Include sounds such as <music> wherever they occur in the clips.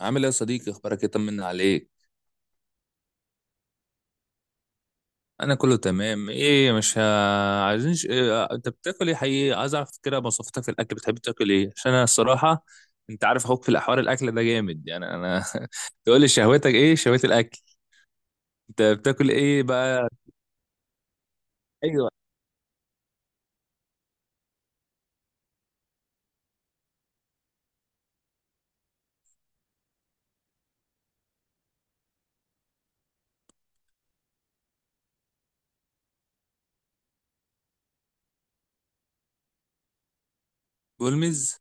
عامل ايه يا صديقي؟ اخبارك ايه؟ طمنا عليك. انا كله تمام. ايه مش عايزين انت بتاكل ايه حقيقي؟ عايز اعرف كده مواصفاتك في الاكل. بتحب تاكل ايه؟ عشان انا الصراحه. انت عارف اخوك في الاحوال. الاكل ده جامد، يعني انا. <laughs> تقول لي شهوتك ايه؟ شهوه الاكل. انت بتاكل ايه بقى؟ ايوه. بولمز؟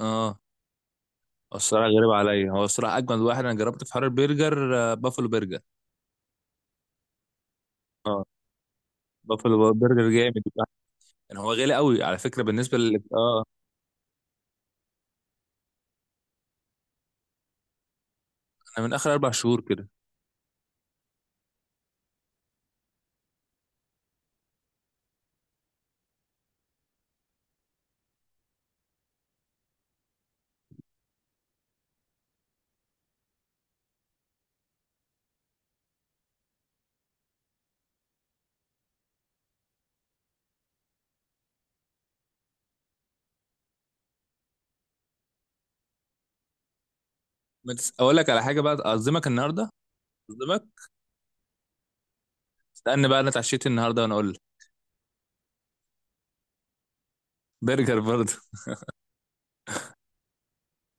اه. الصراحه غريب عليا. هو الصراحه اجمد واحد انا جربته في حوار البرجر، بافلو برجر. بافلو برجر جامد. يعني هو غالي قوي على فكره بالنسبه لل انا من اخر اربع شهور كده. بس اقول لك على حاجه بقى. اعظمك النهارده. اعظمك. استنى بقى. انا اتعشيت النهارده وانا اقول لك. برجر برضه.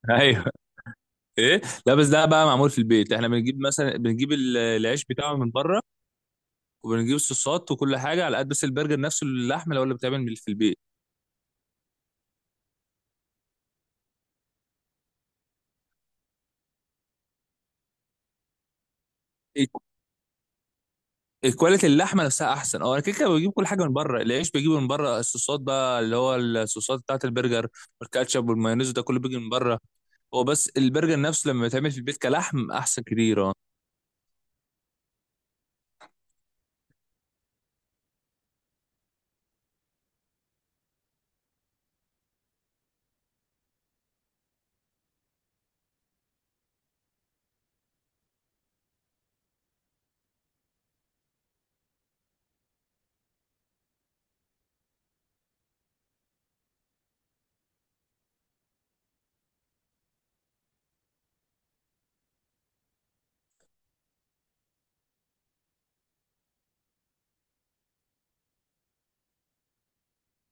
<laughs> ايوه. ايه. لا، بس ده بقى معمول في البيت. احنا بنجيب مثلا بنجيب العيش بتاعه من بره. وبنجيب الصوصات وكل حاجه على قد. بس البرجر نفسه، اللحمه، اللي بتعمل في البيت. ال- كواليتي اللحمه نفسها احسن. اه انا كده كده بجيب كل حاجه من بره. العيش بجيبه من بره. الصوصات بقى، اللي هو الصوصات بتاعت البرجر. والكاتشب والمايونيز ده كله بيجي من بره. هو بس البرجر نفسه لما يتعمل في البيت كلحم احسن كتير اه.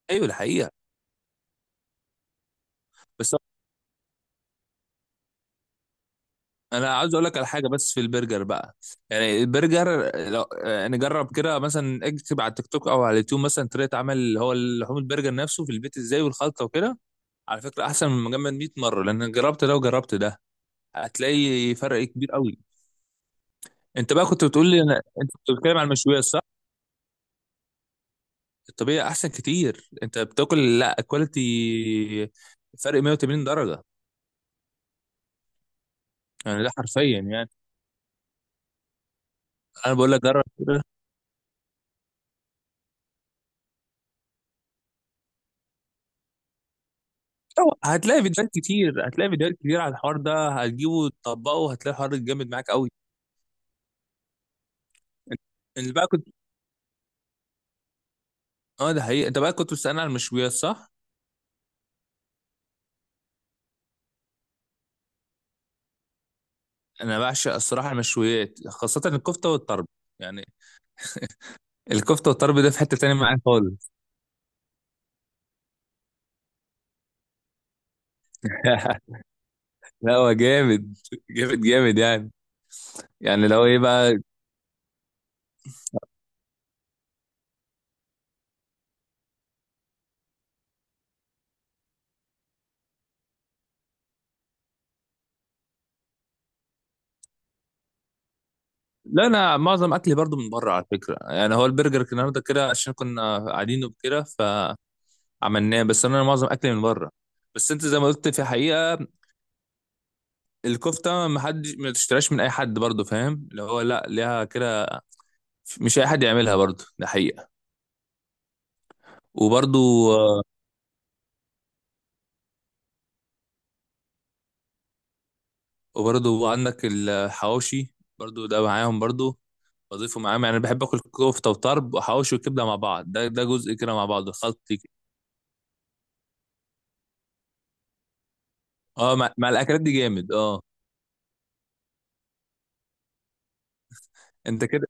ايوه، الحقيقه. بس انا عاوز اقول لك على حاجه، بس في البرجر بقى. يعني البرجر، لو يعني جرب كده، مثلا اكتب على التيك توك او على اليوتيوب مثلا طريقه عمل اللي هو لحوم البرجر نفسه في البيت ازاي، والخلطه وكده. على فكره احسن من مجمد 100 مره، لان أنا جربت ده وجربت ده. هتلاقي فرق كبير قوي. انت بقى كنت بتقول لي، انت كنت بتتكلم على المشويات، صح؟ الطبيعي احسن كتير. انت بتاكل لا كواليتي. فرق 180 درجه. يعني ده حرفيا يعني. انا بقول لك جرب. أو هتلاقي فيديوهات كتير، على الحوار ده. هتجيبه وتطبقه، هتلاقي الحوار ده جامد معاك قوي. اللي بقى كنت. اه، ده حقيقي. انت بقى كنت بتسألني على المشويات صح؟ انا بعشق الصراحه المشويات، خاصه الكفته والطرب. يعني. الكفته والطرب ده في حته تانية معايا خالص. <laughs> لا هو جامد. جامد جامد يعني. يعني لو ايه بقى. لا، انا معظم اكلي برضو من بره على فكره. يعني هو البرجر كان النهارده كده عشان كنا قاعدين وكده. فعملناه، بس انا معظم اكلي من بره. بس انت زي ما قلت في حقيقه. الكفته ما حد ما تشتراش من اي حد برضو، فاهم؟ اللي هو لا ليها كده. مش اي حد يعملها برضو، ده حقيقه. وبرضو. وبرضو عندك الحواوشي. برضو ده معاهم برضو. بضيفه معاهم. يعني بحب اكل كفته وطرب وحواوشي وكبده مع بعض. ده جزء كده مع بعض الخلط كده. اه، مع الاكلات دي جامد اه. انت كده.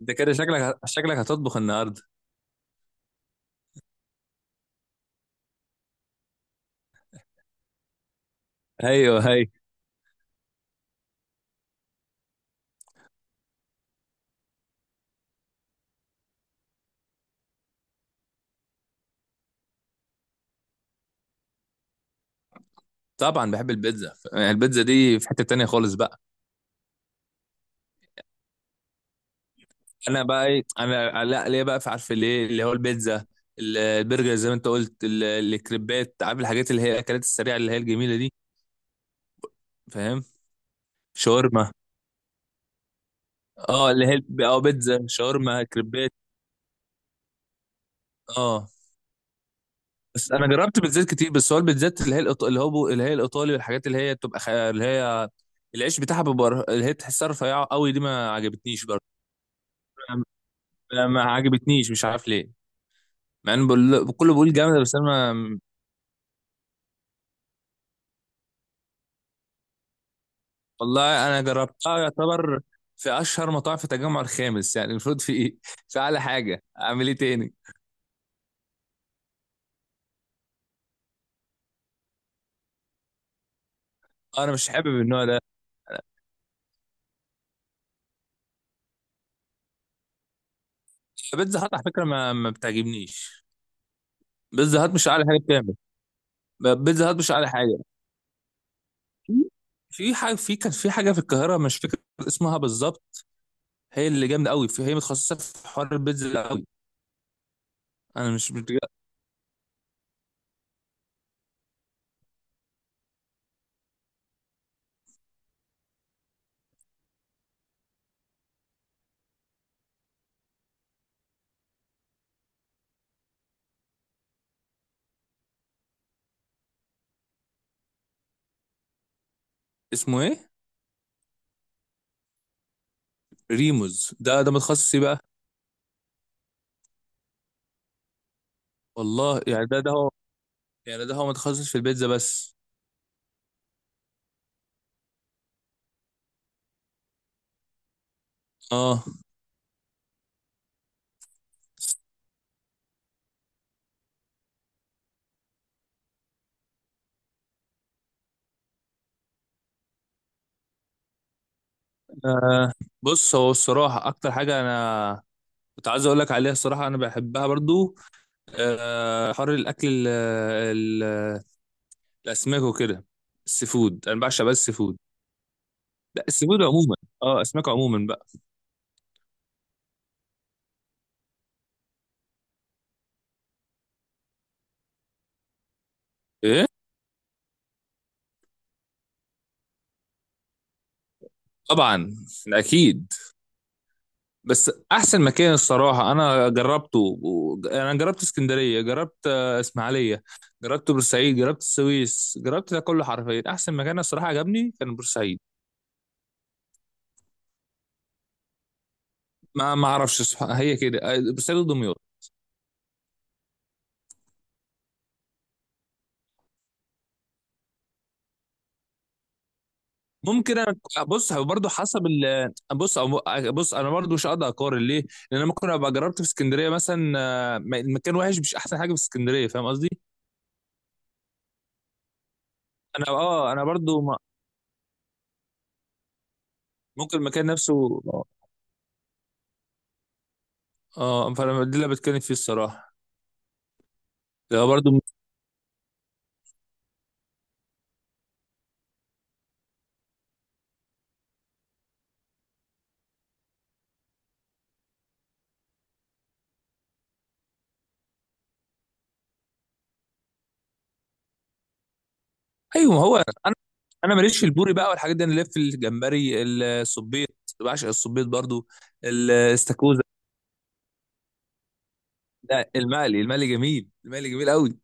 شكلك هتطبخ النهارده. ايوه هي. طبعا بحب البيتزا. يعني البيتزا دي في حته تانية خالص بقى. انا بقى ايه، انا لا ليه بقى، في عارف ليه اللي هو البيتزا، البرجر زي ما انت قلت الكريبات، عارف، الحاجات اللي هي الاكلات السريعه، اللي هي الجميله دي. فاهم؟ شاورما. اه، اللي هي بيتزا، شاورما، كريبات. اه. بس انا جربت بيتزات كتير. بس هو البيتزات اللي هي اللي هي الايطالي، والحاجات اللي هي بتبقى اللي هي العيش بتاعها بيبقى اللي هي تحسها رفيعه قوي، دي ما عجبتنيش برضه. ما عجبتنيش، مش عارف ليه. مع ان كله بيقول جامده، بس انا. والله انا جربتها يعتبر في اشهر مطاعم في التجمع الخامس. يعني المفروض في ايه، <laughs> في اعلى حاجه. اعمل ايه تاني؟ انا مش حابب النوع ده. بيتزا هات على فكره ما بتعجبنيش. بيتزا هات مش اعلى حاجه بتعمل. بيتزا هات مش اعلى حاجه. في حاجه، كان في حاجه في القاهره، مش فاكر اسمها بالظبط. هي اللي جامده قوي. هي متخصصه في حوار البيتزا ده قوي. انا مش متج-. اسمه ايه؟ ريموز؟ ده متخصص إيه بقى؟ والله يعني ده هو. يعني ده هو متخصص في البيتزا بس. اه، آه بص، هو الصراحة أكتر حاجة أنا كنت عايز أقول لك عليها الصراحة أنا بحبها برضو. حر الأكل ال ال الأسماك وكده. السي فود أنا بعشق، بس السي فود. لا، السي فود عموما. أسماك عموما بقى. إيه. طبعا. ده أكيد. بس أحسن مكان الصراحة أنا جربته أنا جربت اسكندرية، جربت إسماعيلية، جربت بورسعيد، جربت السويس، جربت ده كله حرفيا. أحسن مكان الصراحة عجبني كان بورسعيد. ما أعرفش الصراحة، هي كده، بورسعيد ودمياط. ممكن انا. بص هو برضه حسب ال آه، بص أو- آه، بص انا برضه مش هقدر اقارن ليه؟ لان انا ممكن ابقى جربت في اسكندريه مثلا، المكان وحش، مش احسن حاجه في اسكندريه، فاهم قصدي؟ انا برضه ما-. ممكن المكان نفسه اه. فانا دي اللي بتكلم فيه الصراحه. ده برضه. ايوه ما هو. انا. انا ماليش في البوري بقى والحاجات دي، انا ليا في الجمبري. الصبيط. بعشق الصبيط برضه. الاستاكوزا. لا، المقلي جميل. المقلي جميل قوي.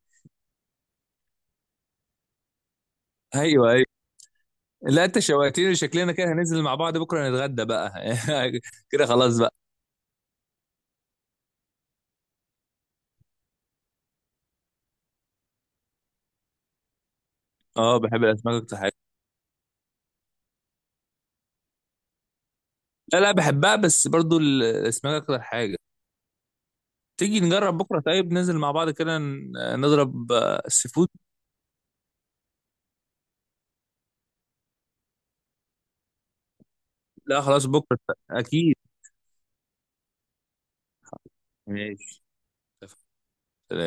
ايوه، ايوه. لا، انت شوقتني. شكلنا كده هننزل مع بعض بكره نتغدى بقى. <laughs> كده خلاص بقى. اه، بحب الاسماك اكتر حاجه. لا لا، بحبها، بس برضو الاسماك اكتر حاجه. تيجي نجرب بكره طيب، ننزل مع بعض كده نضرب سي فود. لا خلاص بكره. اكيد. ماشي. سلام.